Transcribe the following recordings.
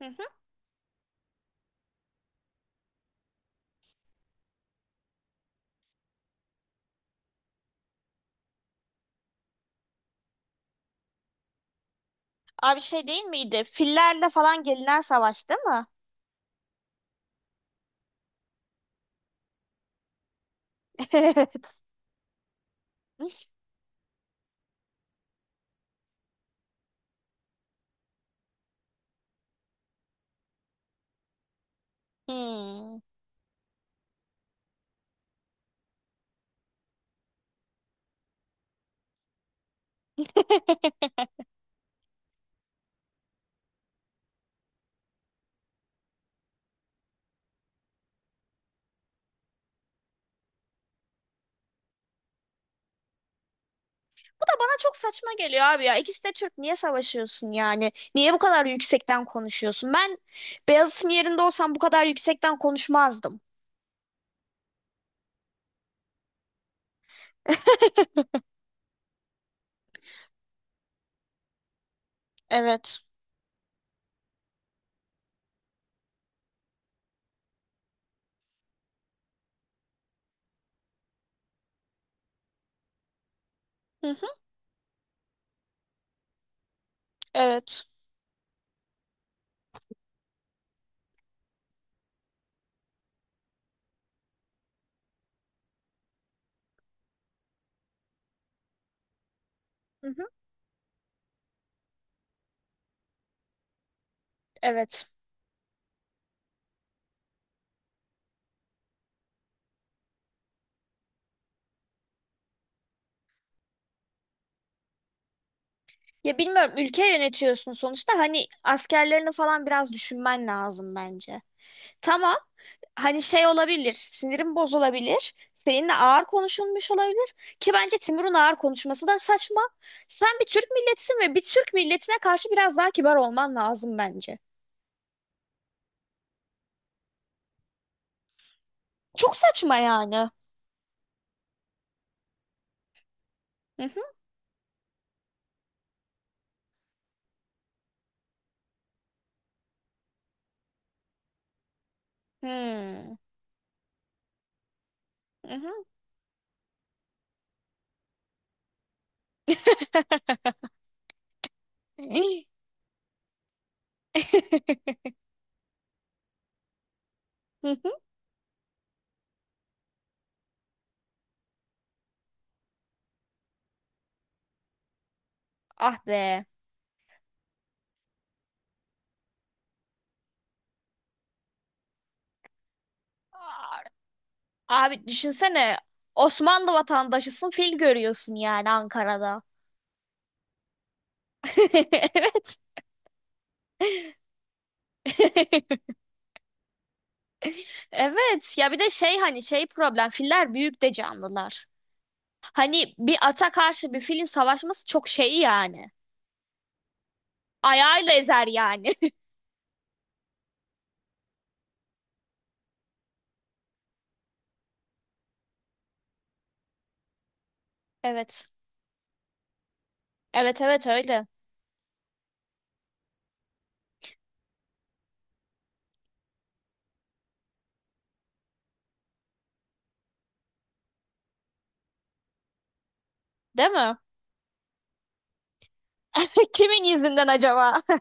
Hı hı. Abi şey değil miydi? Fillerle falan gelinen savaş değil mi? Hmm. Bu da bana çok saçma geliyor abi ya. İkisi de Türk. Niye savaşıyorsun yani? Niye bu kadar yüksekten konuşuyorsun? Ben Beyazıt'ın yerinde olsam bu kadar yüksekten konuşmazdım. Evet. Hı hı. Evet. Hı hı. Evet. Ya bilmiyorum, ülke yönetiyorsun sonuçta, hani askerlerini falan biraz düşünmen lazım bence. Tamam. Hani şey olabilir, sinirim bozulabilir. Seninle ağır konuşulmuş olabilir ki bence Timur'un ağır konuşması da saçma. Sen bir Türk milletisin ve bir Türk milletine karşı biraz daha kibar olman lazım bence. Çok saçma yani. Hı hı. Hmm. Hı hı. Hı hı. Ah be. Abi düşünsene, Osmanlı vatandaşısın, fil görüyorsun yani Ankara'da. Evet. Evet ya, bir de şey, hani şey, problem filler büyük de canlılar. Hani bir ata karşı bir filin savaşması çok şey yani. Ayağıyla ezer yani. Evet. Evet, evet, öyle. Değil mi? Kimin yüzünden acaba?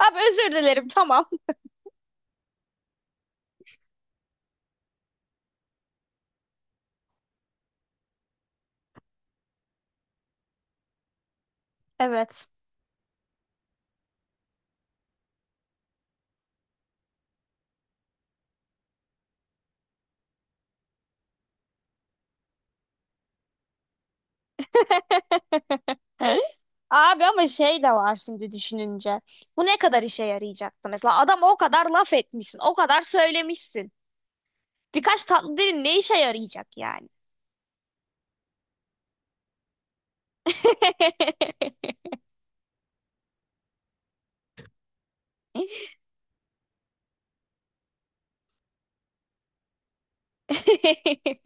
Abi özür dilerim, tamam. Evet. Hı? Abi ama şey de var şimdi düşününce. Bu ne kadar işe yarayacaktı mesela? Adama o kadar laf etmişsin, o kadar söylemişsin. Birkaç tatlı dilin ne işe yarayacak yani?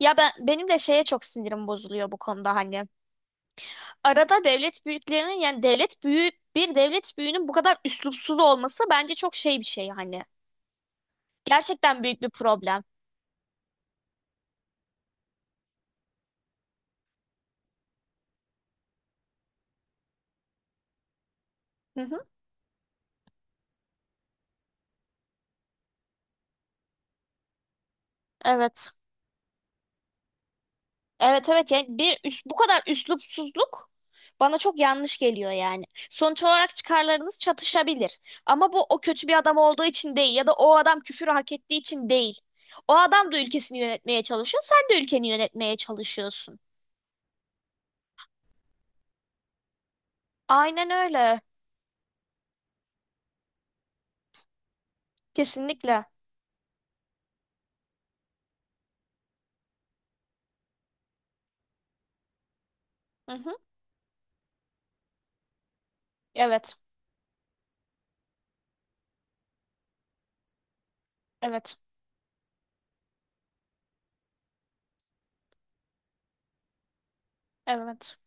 Ya ben, benim de şeye çok sinirim bozuluyor bu konuda hani. Arada devlet büyüklerinin, yani devlet büyüğü bir devlet büyüğünün bu kadar üslupsuz olması bence çok şey bir şey hani. Gerçekten büyük bir problem. Hı hı. Evet. Evet, evet, yani bu kadar üslupsuzluk bana çok yanlış geliyor yani. Sonuç olarak çıkarlarınız çatışabilir. Ama bu o kötü bir adam olduğu için değil, ya da o adam küfürü hak ettiği için değil. O adam da ülkesini yönetmeye çalışıyor, sen de ülkeni yönetmeye çalışıyorsun. Aynen öyle. Kesinlikle. Hı hı. Evet. Evet. Evet.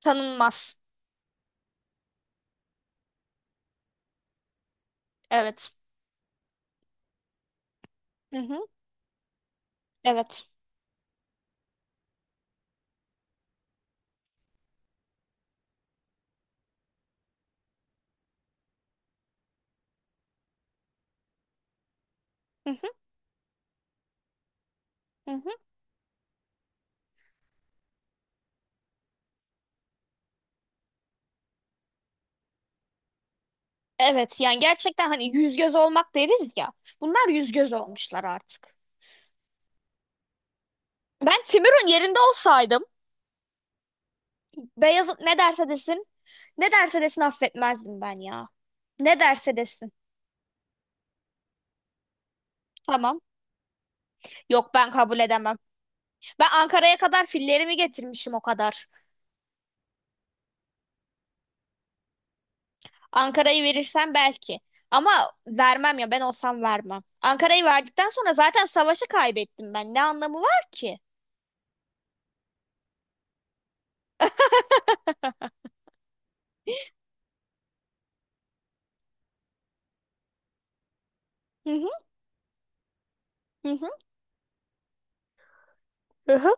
Tanınmaz. Evet. Hı hı. Evet. Hı hı. Hı hı. Evet. Yani gerçekten hani yüz göz olmak deriz ya. Bunlar yüz göz olmuşlar artık. Ben Timur'un yerinde olsaydım Beyazıt ne derse desin, ne derse desin affetmezdim ben ya. Ne derse desin. Tamam. Yok, ben kabul edemem. Ben Ankara'ya kadar fillerimi getirmişim o kadar. Ankara'yı verirsen belki. Ama vermem, ya ben olsam vermem. Ankara'yı verdikten sonra zaten savaşı kaybettim ben. Ne anlamı var ki? Hı hı, hı hı. Hı hı.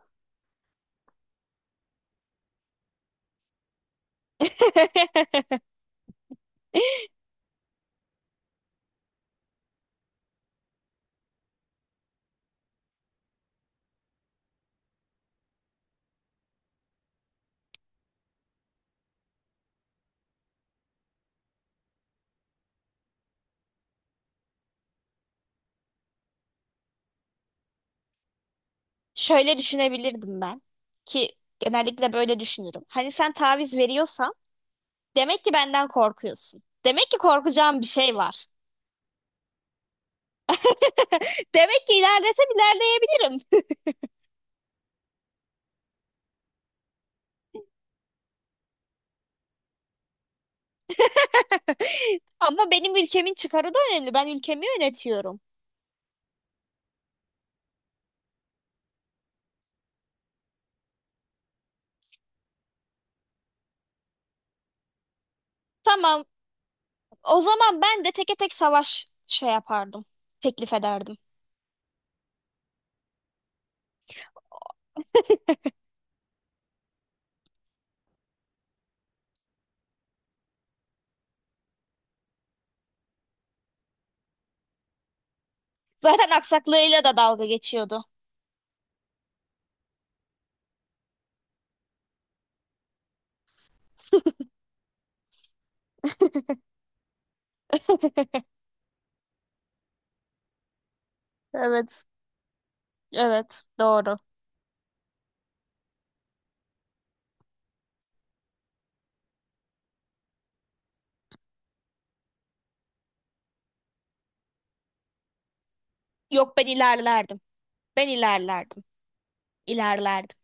Şöyle düşünebilirdim ben, ki genellikle böyle düşünürüm. Hani sen taviz veriyorsan demek ki benden korkuyorsun. Demek ki korkacağım bir şey var. Demek ki ilerlesem ilerleyebilirim. Ama benim ülkemin çıkarı da önemli. Ben ülkemi yönetiyorum. Tamam. O zaman ben de teke tek savaş şey yapardım. Teklif ederdim. Zaten aksaklığıyla da dalga geçiyordu. Evet, evet, doğru. Yok, ben ilerlerdim. Ben ilerlerdim. İlerlerdim.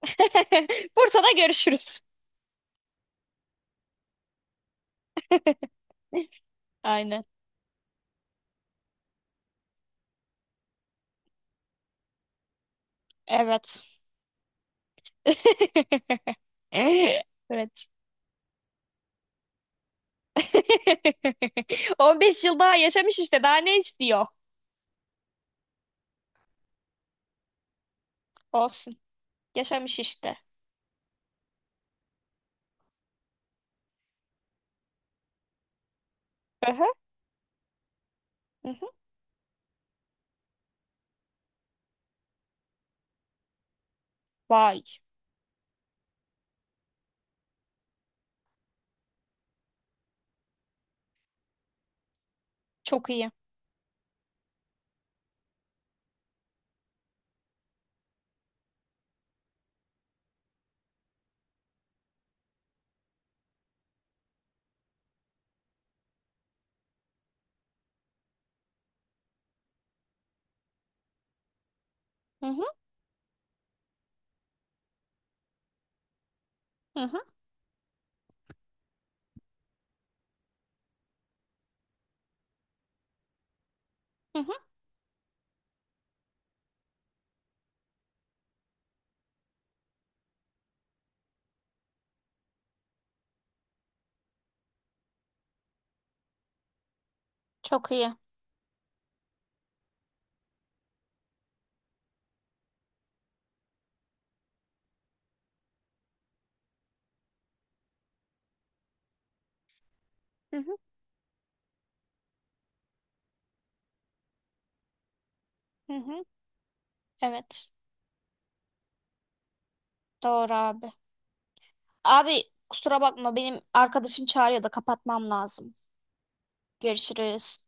Bursa'da görüşürüz. Aynen. Evet. Evet. 15 yıl daha yaşamış işte. Daha ne istiyor? Olsun. Yaşamış işte. Aha. Hı hı. Vay. Çok iyi. Hı hı. Hı hı. Hı hı. Çok iyi. Hı hı, hı hı. Evet. Doğru abi. Abi kusura bakma, benim arkadaşım çağırıyor da kapatmam lazım. Görüşürüz.